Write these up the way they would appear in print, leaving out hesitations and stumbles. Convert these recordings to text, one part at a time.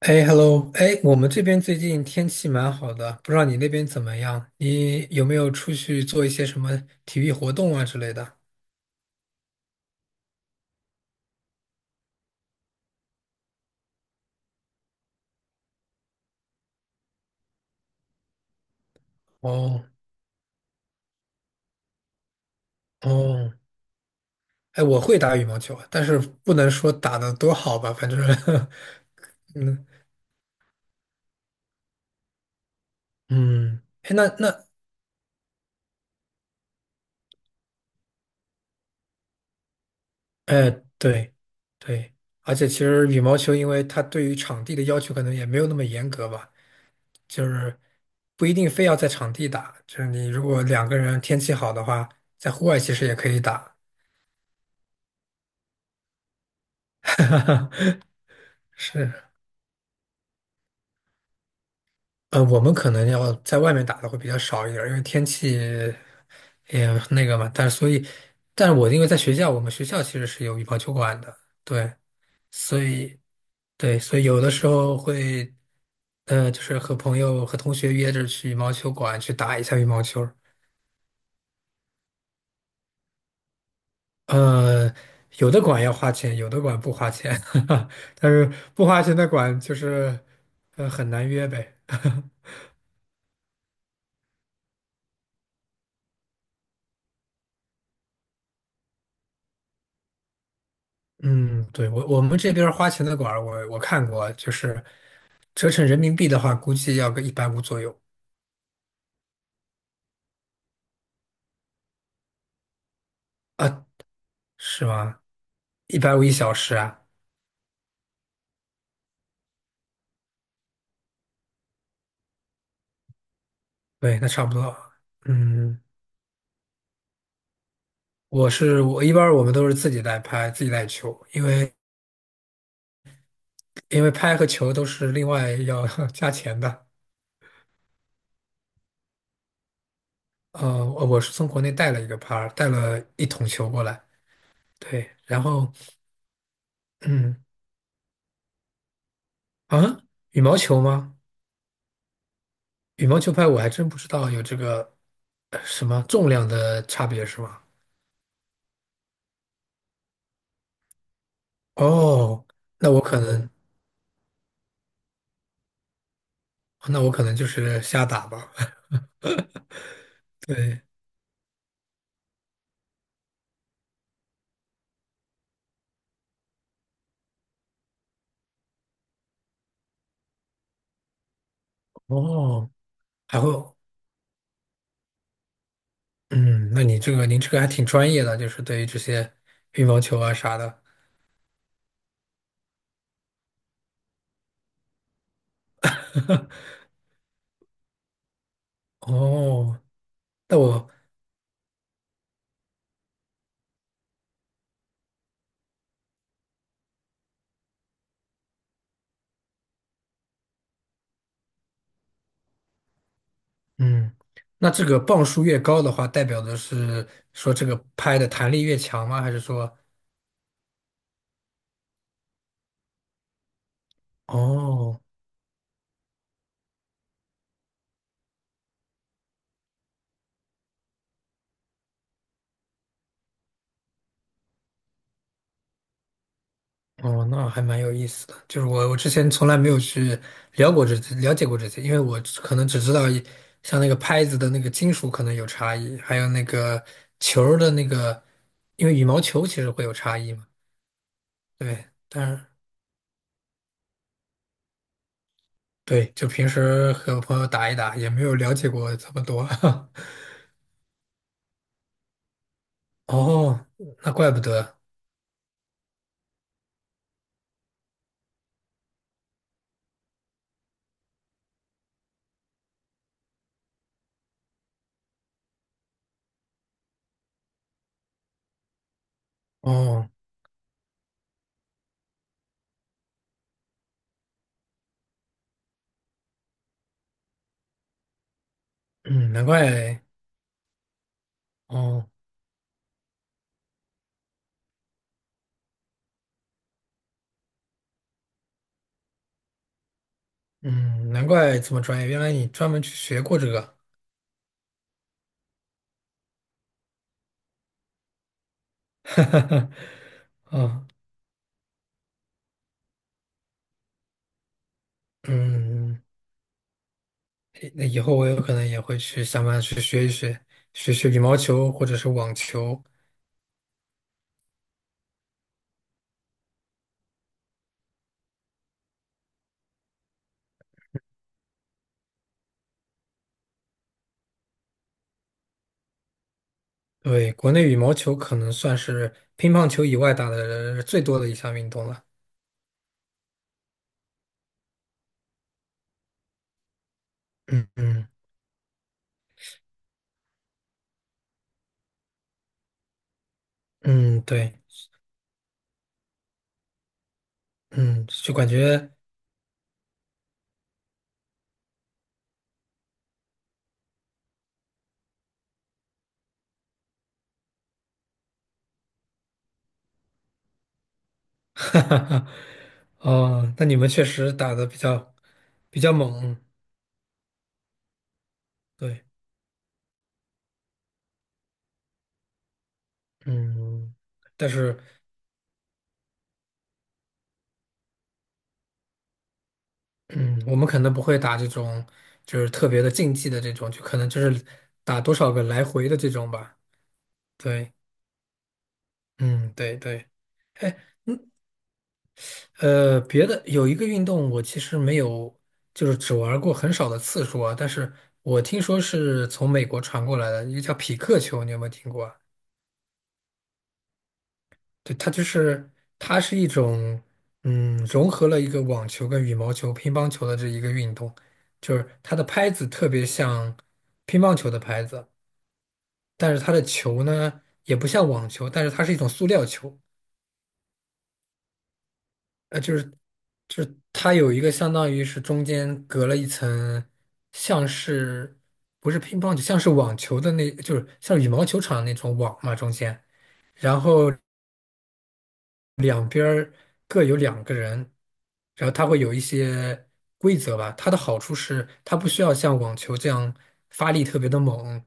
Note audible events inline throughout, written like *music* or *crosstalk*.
哎，hello，哎，我们这边最近天气蛮好的，不知道你那边怎么样？你有没有出去做一些什么体育活动啊之类的？哦哦，哎，我会打羽毛球，但是不能说打的多好吧，反正。 *laughs* 嗯嗯，哎，哎，对对，而且其实羽毛球，因为它对于场地的要求可能也没有那么严格吧，就是不一定非要在场地打，就是你如果两个人天气好的话，在户外其实也可以打。*laughs* 是，我们可能要在外面打的会比较少一点儿因为天气也那个嘛。但是所以，但是我因为在学校，我们学校其实是有羽毛球馆的，对，所以对，所以有的时候会，就是和朋友和同学约着去羽毛球馆去打一下羽毛球。呃，有的馆要花钱，有的馆不花钱，*laughs* 但是不花钱的馆就是，很难约呗。*laughs* 嗯，对，我们这边儿花钱的馆儿，我看过，就是折成人民币的话，估计要个一百五左右。啊，是吗？一百五1小时啊？对，那差不多。嗯，我是我一般儿我们都是自己带拍，自己带球，因为拍和球都是另外要 *laughs* 加钱的。我是从国内带了一个拍儿，带了一桶球过来。对，然后嗯啊，羽毛球吗？羽毛球拍我还真不知道有这个什么重量的差别是吗？哦，那我可能，那我可能就是瞎打吧。*laughs* 对，哦，还会，嗯，那你这个您这个还挺专业的，就是对于这些羽毛球啊啥的。*laughs* 哦，那我，嗯，那这个磅数越高的话，代表的是说这个拍的弹力越强吗？还是说，哦，哦，那还蛮有意思的。就是我之前从来没有去聊过这些，了解过这些，因为我只可能只知道一像那个拍子的那个金属可能有差异，还有那个球儿的那个，因为羽毛球其实会有差异嘛。对，但是对，就平时和朋友打一打，也没有了解过这么多。*laughs* 哦，那怪不得。哦，嗯，难怪。哦，嗯，难怪这么专业。原来你专门去学过这个。*laughs* 哈哈哈。啊，嗯。那以后我有可能也会去想办法去学一学，学学羽毛球或者是网球。对，国内羽毛球可能算是乒乓球以外打的最多的一项运动了。嗯嗯嗯，对，嗯，就感觉，*laughs* 哈哈哈，哦，那你们确实打的比较猛，对，嗯，但是，嗯，我们可能不会打这种就是特别的竞技的这种，就可能就是打多少个来回的这种吧。对，嗯，对对。哎，别的有一个运动，我其实没有，就是只玩过很少的次数啊。但是我听说是从美国传过来的，一个叫匹克球，你有没有听过啊？对，它是一种，嗯，融合了一个网球跟羽毛球、乒乓球的这一个运动，就是它的拍子特别像乒乓球的拍子，但是它的球呢也不像网球，但是它是一种塑料球。呃，就是就是它有一个相当于是中间隔了一层，像是不是乒乓球，像是网球的那，就是像羽毛球场那种网嘛，中间，然后两边儿各有两个人，然后它会有一些规则吧。它的好处是它不需要像网球这样发力特别的猛，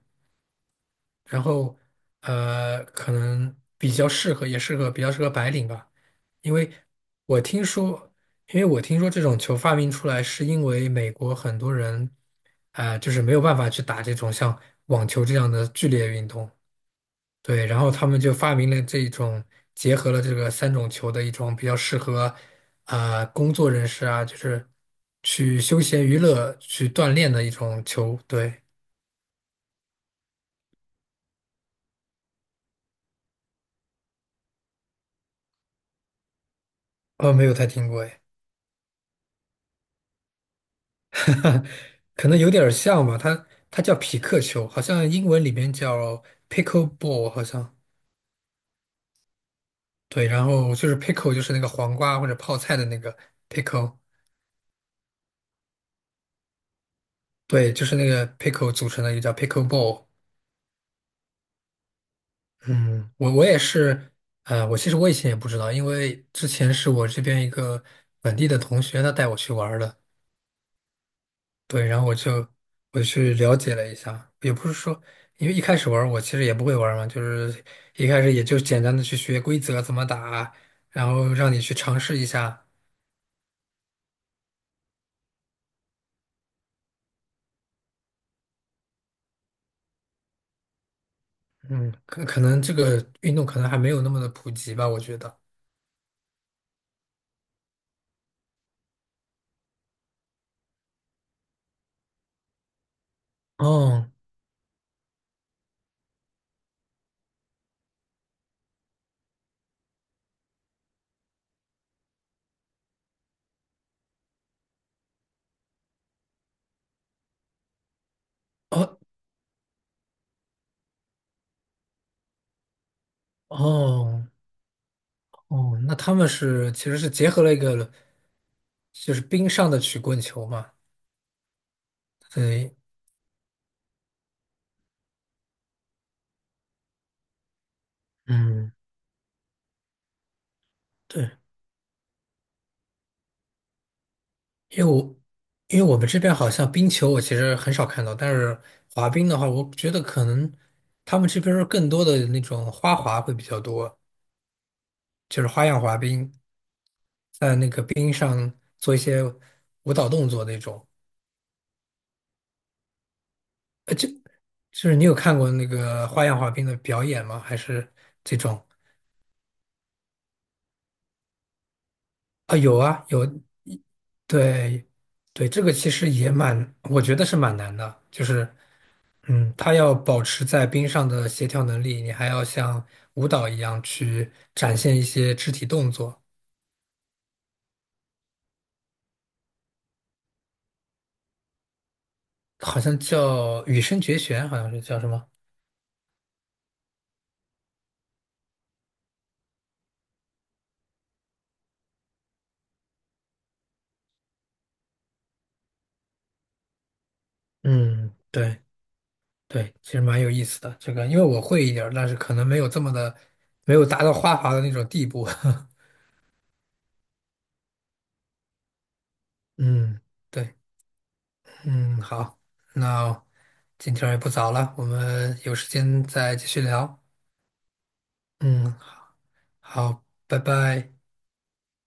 然后可能比较适合白领吧，因为我听说，这种球发明出来是因为美国很多人，就是没有办法去打这种像网球这样的剧烈运动，对，然后他们就发明了这种结合了这个三种球的一种比较适合，工作人士啊，就是去休闲娱乐去锻炼的一种球，对，哦，没有太听过，哎。*laughs* 可能有点儿像吧，它叫匹克球，好像英文里面叫 pickleball,好像对，然后就是 pickle 就是那个黄瓜或者泡菜的那个 pickle,对，就是那个 pickle 组成的一个叫 pickleball。嗯，我也是，我其实以前也不知道，因为之前是我这边一个本地的同学他带我去玩儿的，对，然后我去了解了一下，也不是说，因为一开始玩儿我其实也不会玩儿嘛，就是一开始也就简单的去学规则怎么打，然后让你去尝试一下。嗯，可能这个运动可能还没有那么的普及吧，我觉得。哦哦哦哦，那他们是其实是结合了一个就是冰上的曲棍球嘛。对，嗯。对。因为我们这边好像冰球我其实很少看到，但是滑冰的话，我觉得可能他们这边儿更多的那种花滑会比较多，就是花样滑冰，在那个冰上做一些舞蹈动作那种。呃，就就是你有看过那个花样滑冰的表演吗？还是这种？啊，有啊，有，对，对，这个其实也蛮，我觉得是蛮难的，就是。嗯，他要保持在冰上的协调能力，你还要像舞蹈一样去展现一些肢体动作，好像叫羽生结弦，好像是叫什么？嗯，对对，其实蛮有意思的这个，因为我会一点儿，但是可能没有这么的，没有达到花滑的那种地步。*laughs* 嗯，对，嗯，好，那今天儿也不早了，我们有时间再继续聊。嗯，好，拜拜。